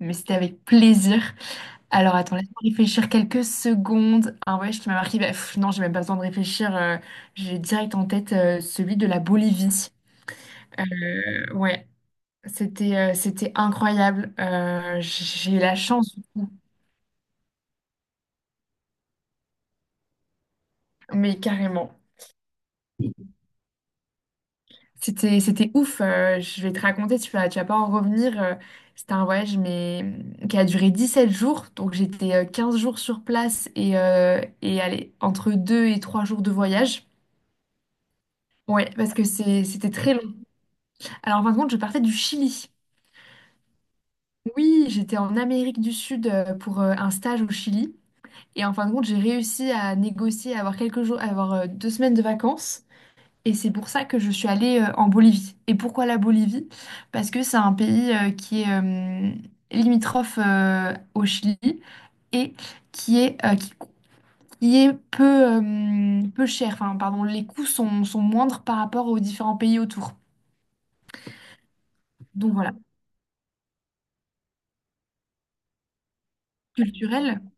Mais c'était avec plaisir. Alors attends, laisse-moi réfléchir quelques secondes. Un voyage qui m'a marqué, bah, pff, non, j'ai même pas besoin de réfléchir. J'ai direct en tête celui de la Bolivie. Ouais, c'était incroyable. J'ai eu la chance, du coup. Mais carrément. C'était ouf. Je vais te raconter, tu vas pas en revenir. C'était un voyage mais qui a duré 17 jours. Donc j'étais 15 jours sur place et allez, entre 2 et 3 jours de voyage. Ouais, parce que c'était très long. Alors, en fin de compte, je partais du Chili. Oui, j'étais en Amérique du Sud pour un stage au Chili. Et en fin de compte, j'ai réussi à négocier, à avoir quelques jours, à avoir deux semaines de vacances. Et c'est pour ça que je suis allée en Bolivie. Et pourquoi la Bolivie? Parce que c'est un pays qui est limitrophe au Chili et qui est, euh, qui, qui est peu, peu cher. Enfin, pardon, les coûts sont moindres par rapport aux différents pays autour. Donc voilà, culturel.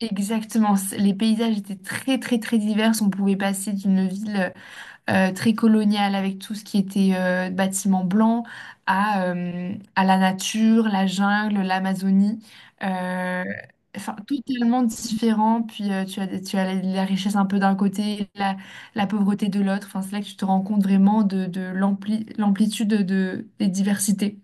Exactement. Les paysages étaient très très très divers. On pouvait passer d'une ville très coloniale avec tout ce qui était bâtiments blancs à la nature, la jungle, l'Amazonie. Euh, enfin, totalement différent. Puis tu as la richesse un peu d'un côté, la pauvreté de l'autre. Enfin, c'est là que tu te rends compte vraiment de l'amplitude des diversités.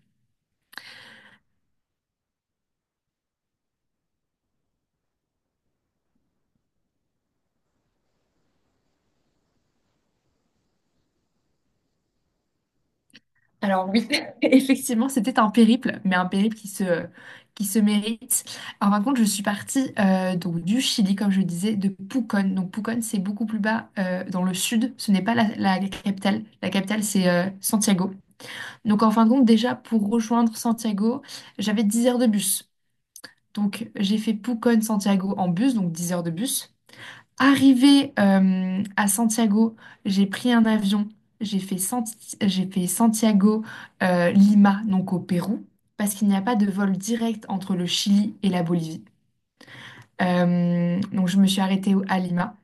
Alors oui, effectivement, c'était un périple, mais un périple qui se mérite. En fin de compte, je suis partie donc du Chili, comme je disais, de Pucón. Donc Pucón, c'est beaucoup plus bas dans le sud. Ce n'est pas la capitale. La capitale, c'est Santiago. Donc en fin de compte, déjà, pour rejoindre Santiago, j'avais 10 heures de bus. Donc j'ai fait Pucón-Santiago en bus, donc 10 heures de bus. Arrivée à Santiago, j'ai pris un avion, j'ai fait Santiago, Lima, donc au Pérou, parce qu'il n'y a pas de vol direct entre le Chili et la Bolivie. Donc je me suis arrêtée à Lima.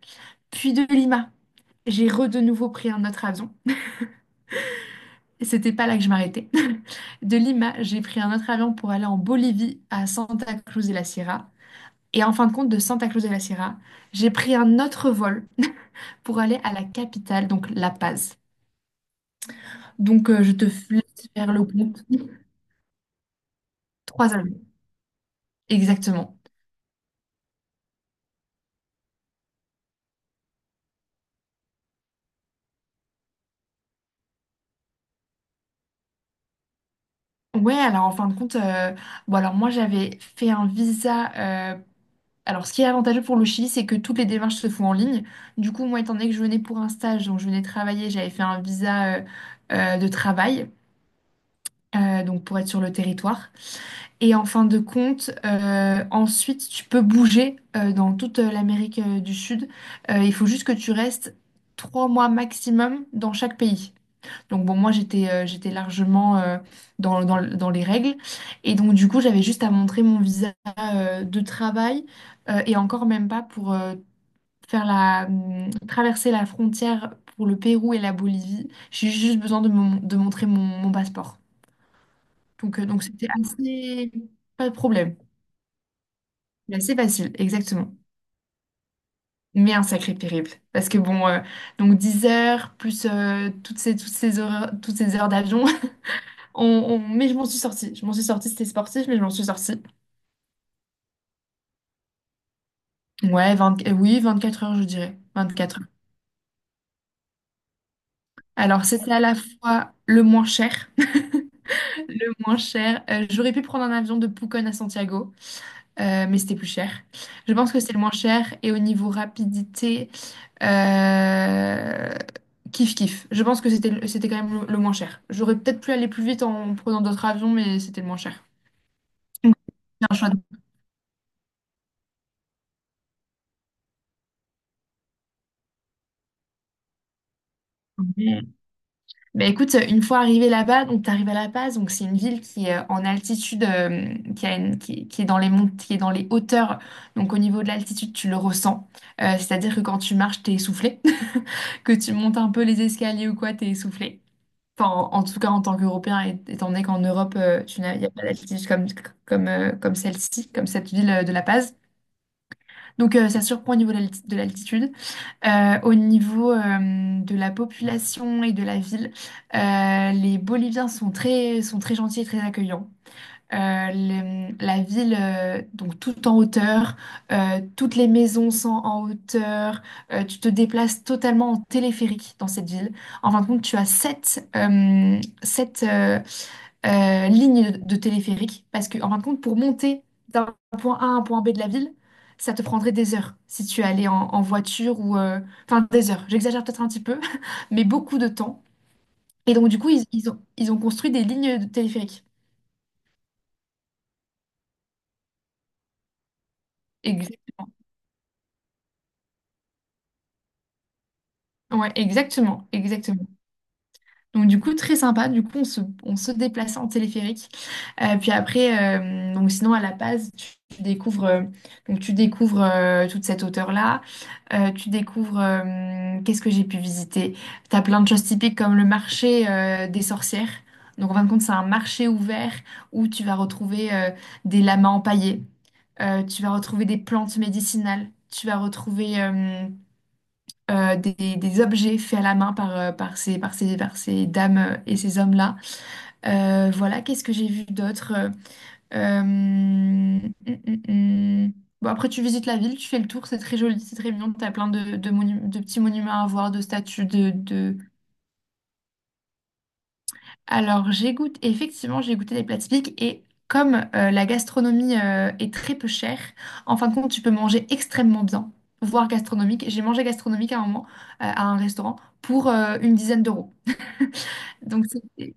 Puis de Lima, j'ai re de nouveau pris un autre avion. Et c'était pas là que je m'arrêtais. De Lima, j'ai pris un autre avion pour aller en Bolivie, à Santa Cruz de la Sierra. Et en fin de compte, de Santa Cruz de la Sierra, j'ai pris un autre vol pour aller à la capitale, donc La Paz. Donc, je te laisse faire le compte. Trois années, exactement. Ouais, alors en fin de compte, bon, alors moi j'avais fait un visa. euh, alors, ce qui est avantageux pour le Chili, c'est que toutes les démarches se font en ligne. Du coup, moi, étant donné que je venais pour un stage, donc je venais travailler, j'avais fait un visa de travail, donc pour être sur le territoire. Et en fin de compte, ensuite, tu peux bouger dans toute l'Amérique du Sud. Il faut juste que tu restes trois mois maximum dans chaque pays. Donc bon, moi j'étais largement dans les règles. Et donc du coup, j'avais juste à montrer mon visa de travail et encore même pas pour faire la traverser la frontière pour le Pérou et la Bolivie. J'ai juste besoin de montrer mon passeport. Donc c'était assez pas de problème. C'est assez facile, exactement. Mais un sacré périple. Parce que bon, donc 10 heures, plus toutes ces heures d'avion, Mais je m'en suis sortie. Je m'en suis sortie, c'était sportif, mais je m'en suis sortie. Ouais, 20 euh, oui, 24 heures, je dirais. 24 heures. Alors, c'était à la fois le moins cher, le moins cher. J'aurais pu prendre un avion de Pucón à Santiago, mais c'était plus cher. Je pense que c'est le moins cher. Et au niveau rapidité, euh, kiff kiff. Je pense que c'était quand même le moins cher. J'aurais peut-être pu aller plus vite en prenant d'autres avions, mais c'était le moins cher. Donc, c'est un choix de... Bah écoute, une fois arrivé là-bas, donc t'arrives à La Paz, donc c'est une ville qui est en altitude, qui a une- qui est dans les mont- qui est dans les hauteurs. Donc au niveau de l'altitude, tu le ressens. C'est-à-dire que quand tu marches, t'es essoufflé, que tu montes un peu les escaliers ou quoi, t'es essoufflé. Enfin, en tout cas en tant qu'Européen, étant donné qu'en Europe, il n'y a pas d'altitude comme celle-ci, comme cette ville de La Paz. Donc ça surprend au niveau de l'altitude. Au niveau de la population et de la ville, les Boliviens sont très gentils et très accueillants euh, la ville, donc tout en hauteur, toutes les maisons sont en hauteur, tu te déplaces totalement en téléphérique dans cette ville. En fin de compte, tu as sept lignes de téléphérique parce que, en fin de compte, pour monter d'un point A à un point B de la ville, ça te prendrait des heures si tu allais en voiture ou. Enfin, des heures, j'exagère peut-être un petit peu, mais beaucoup de temps. Et donc, du coup, ils ont construit des lignes de téléphérique. Exactement. Ouais, exactement, exactement. Donc du coup, très sympa. Du coup, on se déplaçait en téléphérique. Puis après, donc sinon à La Paz, tu découvres toute cette hauteur-là. Tu découvres, qu'est-ce que j'ai pu visiter? T'as plein de choses typiques comme le marché des sorcières. Donc en fin de compte, c'est un marché ouvert où tu vas retrouver des lamas empaillés. Tu vas retrouver des plantes médicinales. Tu vas retrouver des objets faits à la main par ces dames et ces hommes-là. Voilà, qu'est-ce que j'ai vu d'autre? Hum, hum. Bon, après, tu visites la ville, tu fais le tour, c'est très joli, c'est très mignon, t'as plein de petits monuments à voir, de statues, de... Alors, j'ai goûté, effectivement, j'ai goûté des plats typiques et comme la gastronomie est très peu chère, en fin de compte, tu peux manger extrêmement bien, voire gastronomique. J'ai mangé gastronomique à un moment, à un restaurant, pour une dizaine d'euros. Donc,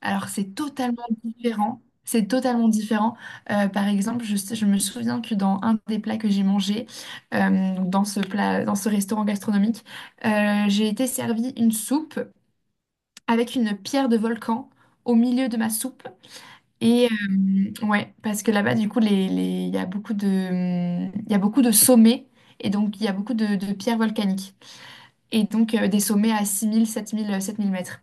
alors c'est totalement différent. C'est totalement différent. Par exemple, je me souviens que dans un des plats que j'ai mangé, donc dans ce plat, dans ce restaurant gastronomique, j'ai été servie une soupe avec une pierre de volcan au milieu de ma soupe. Et ouais, parce que là-bas, du coup, il y a beaucoup de sommets et donc il y a beaucoup de pierres volcaniques. Et donc des sommets à 6 000, sept mille mètres.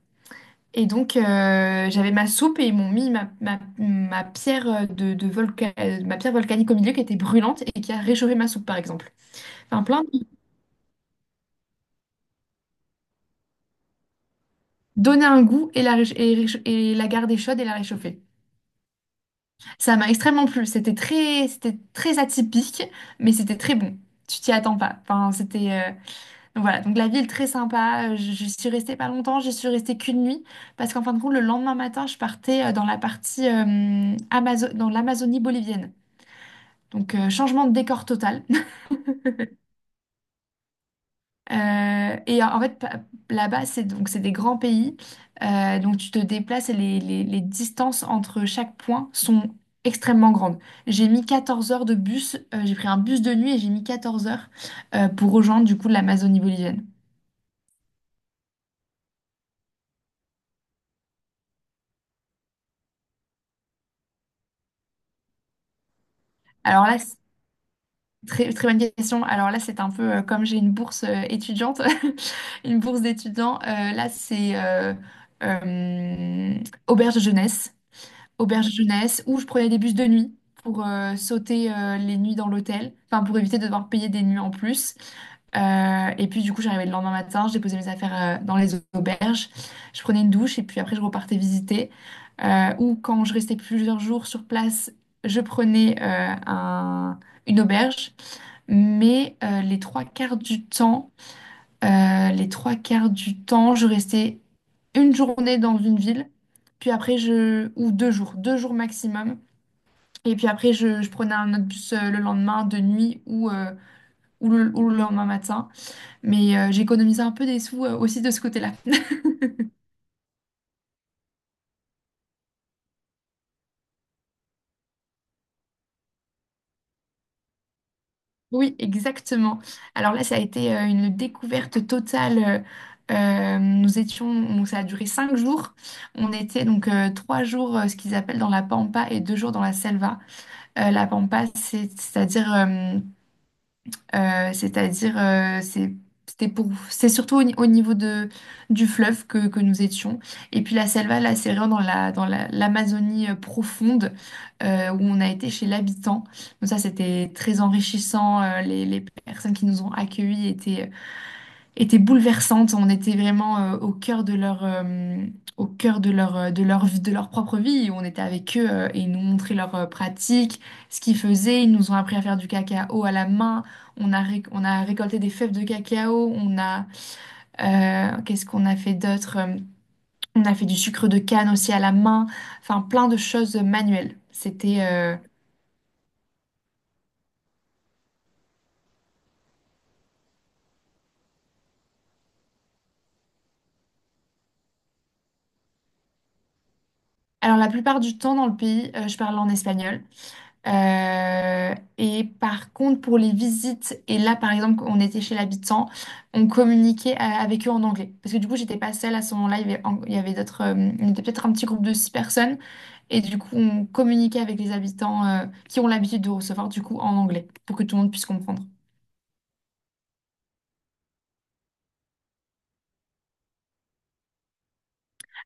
Et donc, j'avais ma soupe et ils m'ont mis ma pierre ma pierre volcanique au milieu qui était brûlante et qui a réchauffé ma soupe, par exemple. Enfin, plein de... Donner un goût et la, réch- et, réch- et la garder chaude et la réchauffer. Ça m'a extrêmement plu. C'était très atypique, mais c'était très bon. Tu t'y attends pas. Enfin, c'était... donc voilà, donc la ville très sympa. Je suis restée pas longtemps, je suis restée qu'une nuit. Parce qu'en fin de compte, le lendemain matin, je partais dans la partie dans l'Amazonie bolivienne. Donc, changement de décor total. Et en fait, là-bas, c'est des grands pays. Donc, tu te déplaces et les distances entre chaque point sont extrêmement grandes. J'ai mis 14 heures de bus. J'ai pris un bus de nuit et j'ai mis 14 heures pour rejoindre du coup l'Amazonie bolivienne. Alors là, c'est très, très bonne question. Alors là, c'est un peu comme j'ai une bourse étudiante, une bourse d'étudiant. Là, c'est euh, auberge de jeunesse. Auberge jeunesse, où je prenais des bus de nuit pour sauter les nuits dans l'hôtel, enfin pour éviter de devoir payer des nuits en plus. Et puis du coup, j'arrivais le lendemain matin, je déposais mes affaires dans les auberges, je prenais une douche et puis après je repartais visiter. Ou quand je restais plusieurs jours sur place, je prenais une auberge. Mais les trois quarts du temps, je restais une journée dans une ville, puis après ou 2 jours maximum. Et puis après, je prenais un autre bus le lendemain de nuit ou le lendemain matin. Mais j'économisais un peu des sous aussi de ce côté-là. Oui, exactement. Alors là, ça a été une découverte totale. Nous étions, donc ça a duré 5 jours. On était donc 3 jours, ce qu'ils appellent dans la pampa et 2 jours dans la selva. La pampa, c'est-à-dire, euh, c'est-à-dire, euh, c'est c'était c'est surtout au, ni- au niveau de du fleuve que nous étions. Et puis la selva, là, c'est vraiment dans l'Amazonie profonde, où on a été chez l'habitant. Donc ça, c'était très enrichissant. Les personnes qui nous ont accueillis étaient bouleversantes. On était vraiment au cœur de leur vie, de leur propre vie. On était avec eux et ils nous montraient leurs pratiques, ce qu'ils faisaient. Ils nous ont appris à faire du cacao à la main. On a récolté des fèves de cacao. Qu'est-ce qu'on a fait d'autre? On a fait du sucre de canne aussi à la main. Enfin, plein de choses manuelles. Alors, la plupart du temps dans le pays, je parle en espagnol. Et par contre, pour les visites, et là, par exemple, on était chez l'habitant, on communiquait avec eux en anglais. Parce que du coup, j'étais pas seule à ce moment-là, il y avait d'autres, on était peut-être un petit groupe de six personnes, et du coup, on communiquait avec les habitants qui ont l'habitude de recevoir, du coup, en anglais, pour que tout le monde puisse comprendre.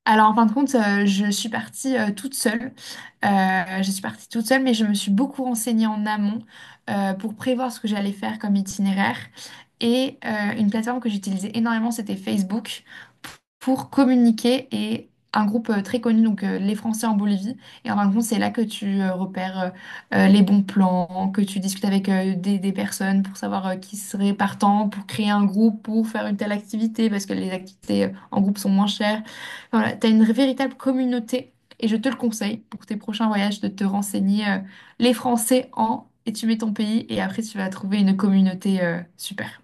Alors, en fin de compte, je suis partie toute seule. Je suis partie toute seule, mais je me suis beaucoup renseignée en amont pour prévoir ce que j'allais faire comme itinéraire. Et une plateforme que j'utilisais énormément, c'était Facebook pour communiquer et un groupe très connu, donc les Français en Bolivie. Et en fin de compte, c'est là que tu repères les bons plans, que tu discutes avec des personnes pour savoir qui serait partant, pour créer un groupe, pour faire une telle activité, parce que les activités en groupe sont moins chères. Voilà, tu as une véritable communauté et je te le conseille pour tes prochains voyages de te renseigner les Français en et tu mets ton pays et après tu vas trouver une communauté super.